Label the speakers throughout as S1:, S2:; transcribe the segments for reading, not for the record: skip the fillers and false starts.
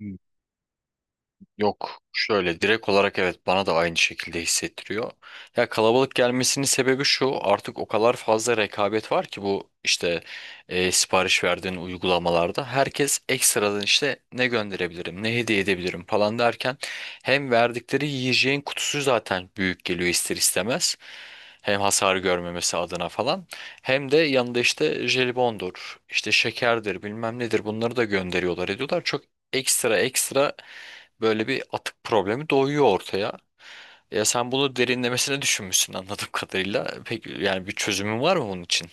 S1: Hmm, Yok, şöyle direkt olarak evet, bana da aynı şekilde hissettiriyor. Ya, kalabalık gelmesinin sebebi şu, artık o kadar fazla rekabet var ki bu işte sipariş verdiğin uygulamalarda herkes ekstradan işte ne gönderebilirim, ne hediye edebilirim falan derken hem verdikleri yiyeceğin kutusu zaten büyük geliyor ister istemez. Hem hasar görmemesi adına falan. Hem de yanında işte jelibondur, işte şekerdir, bilmem nedir bunları da gönderiyorlar ediyorlar. Çok ekstra ekstra böyle bir atık problemi doğuyor ortaya. Ya sen bunu derinlemesine düşünmüşsün anladığım kadarıyla. Peki, yani bir çözümün var mı bunun için?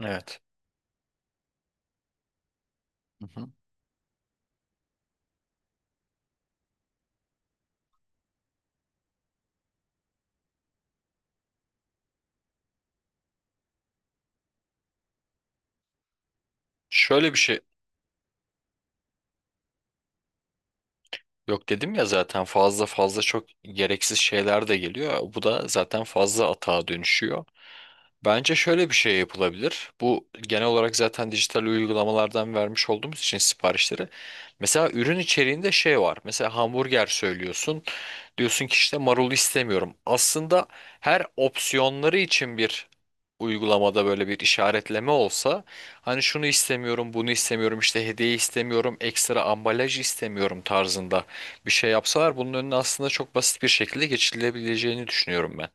S1: Evet. Hı hı. Şöyle bir şey, yok dedim ya, zaten fazla fazla çok gereksiz şeyler de geliyor. Bu da zaten fazla atağa dönüşüyor. Bence şöyle bir şey yapılabilir. Bu genel olarak zaten dijital uygulamalardan vermiş olduğumuz için siparişleri. Mesela ürün içeriğinde şey var. Mesela hamburger söylüyorsun. Diyorsun ki işte marul istemiyorum. Aslında her opsiyonları için bir uygulamada böyle bir işaretleme olsa, hani şunu istemiyorum, bunu istemiyorum, işte hediye istemiyorum, ekstra ambalaj istemiyorum tarzında bir şey yapsalar, bunun önüne aslında çok basit bir şekilde geçilebileceğini düşünüyorum ben.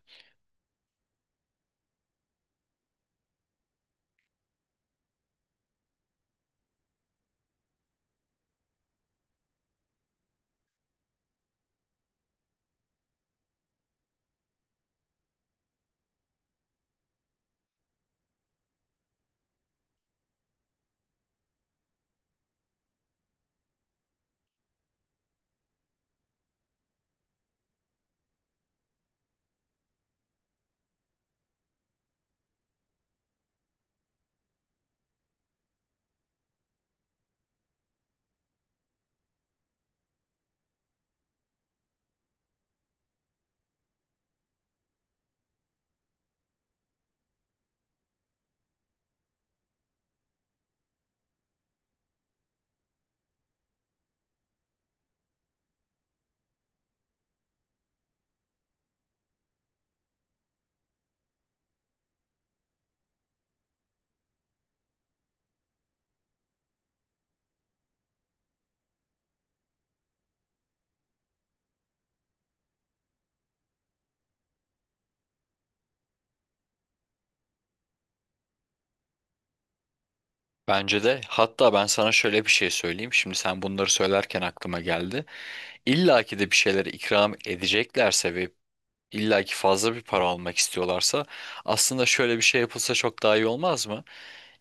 S1: Bence de. Hatta ben sana şöyle bir şey söyleyeyim. Şimdi sen bunları söylerken aklıma geldi. İlla ki de bir şeyleri ikram edeceklerse ve İlla ki fazla bir para almak istiyorlarsa aslında şöyle bir şey yapılsa çok daha iyi olmaz mı?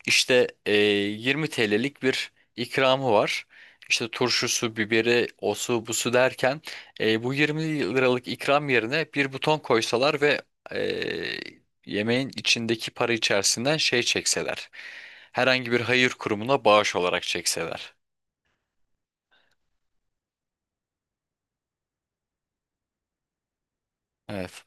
S1: İşte 20 TL'lik bir ikramı var. İşte turşusu, biberi, osu, busu derken bu 20 liralık ikram yerine bir buton koysalar ve e, yemeğin içindeki para içerisinden şey çekseler. Herhangi bir hayır kurumuna bağış olarak çekseler. Evet,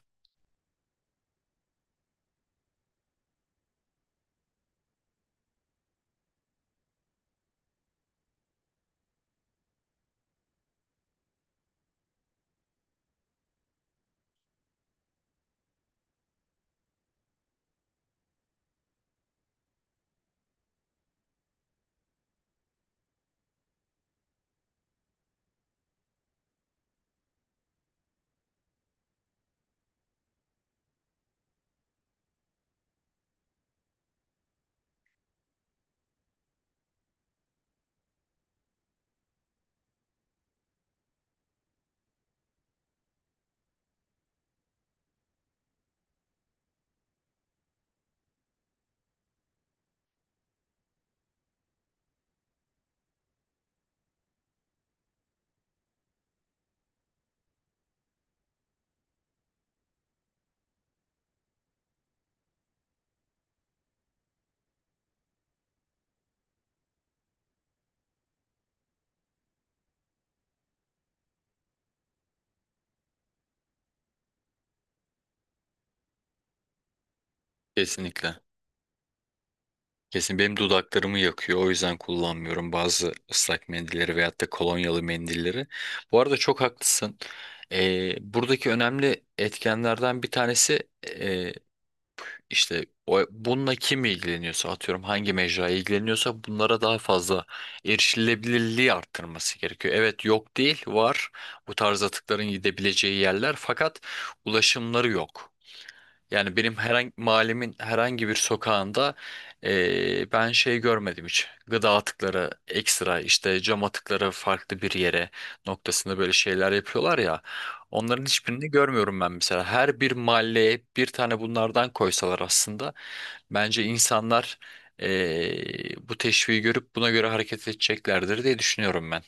S1: kesinlikle. Kesin benim dudaklarımı yakıyor. O yüzden kullanmıyorum bazı ıslak mendilleri veyahut da kolonyalı mendilleri. Bu arada çok haklısın. Buradaki önemli etkenlerden bir tanesi işte o, bununla kim ilgileniyorsa, atıyorum hangi mecra ilgileniyorsa, bunlara daha fazla erişilebilirliği arttırması gerekiyor. Evet, yok değil, var bu tarz atıkların gidebileceği yerler fakat ulaşımları yok. Yani benim herhangi mahallemin herhangi bir sokağında ben şey görmedim hiç. Gıda atıkları ekstra, işte cam atıkları farklı bir yere noktasında böyle şeyler yapıyorlar ya. Onların hiçbirini görmüyorum ben mesela. Her bir mahalleye bir tane bunlardan koysalar aslında bence insanlar bu teşviği görüp buna göre hareket edeceklerdir diye düşünüyorum ben.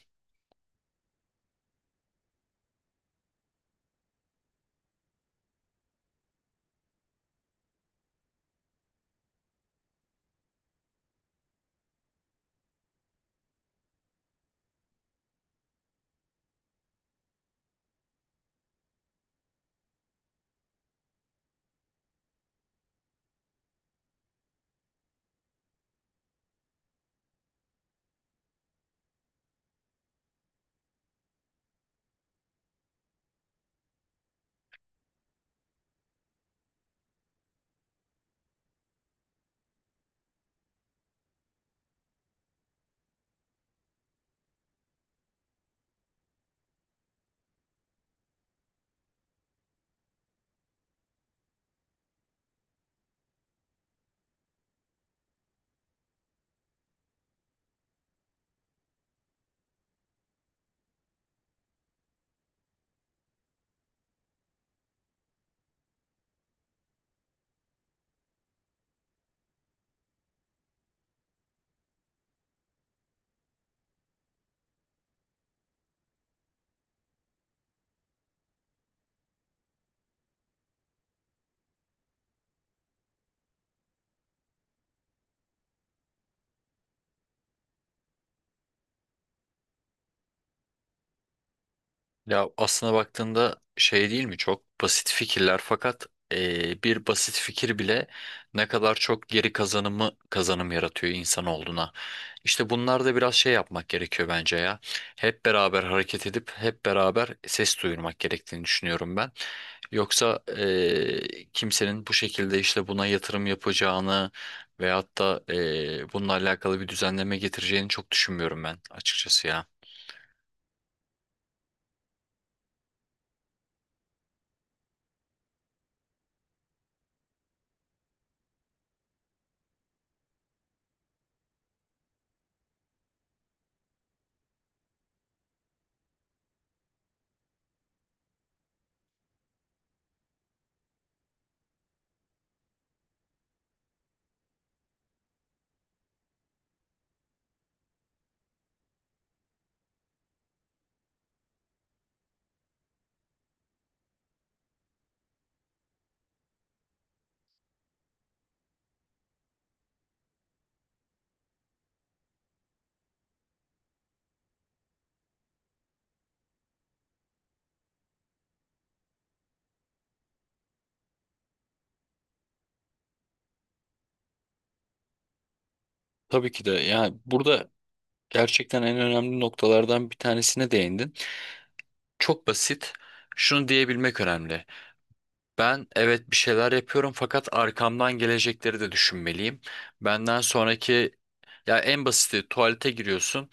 S1: Ya, aslına baktığında şey değil mi, çok basit fikirler fakat bir basit fikir bile ne kadar çok geri kazanımı kazanım yaratıyor insan olduğuna. İşte bunlar da biraz şey yapmak gerekiyor bence ya. Hep beraber hareket edip hep beraber ses duyurmak gerektiğini düşünüyorum ben. Yoksa kimsenin bu şekilde işte buna yatırım yapacağını veyahut da bununla alakalı bir düzenleme getireceğini çok düşünmüyorum ben açıkçası ya. Tabii ki de, yani burada gerçekten en önemli noktalardan bir tanesine değindin. Çok basit. Şunu diyebilmek önemli. Ben evet, bir şeyler yapıyorum fakat arkamdan gelecekleri de düşünmeliyim. Benden sonraki, ya en basiti, tuvalete giriyorsun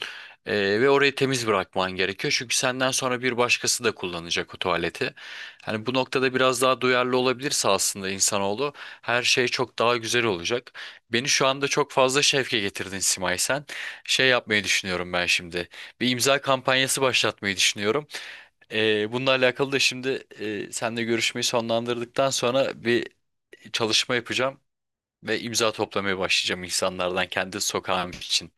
S1: ve orayı temiz bırakman gerekiyor. Çünkü senden sonra bir başkası da kullanacak o tuvaleti. Hani bu noktada biraz daha duyarlı olabilirse aslında insanoğlu, her şey çok daha güzel olacak. Beni şu anda çok fazla şevke getirdin Simay sen. Şey yapmayı düşünüyorum ben şimdi. Bir imza kampanyası başlatmayı düşünüyorum. Bununla alakalı da şimdi seninle görüşmeyi sonlandırdıktan sonra bir çalışma yapacağım. Ve imza toplamaya başlayacağım insanlardan kendi sokağım için.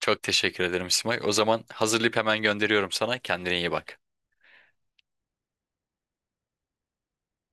S1: Çok teşekkür ederim Simay. O zaman hazırlayıp hemen gönderiyorum sana. Kendine iyi bak.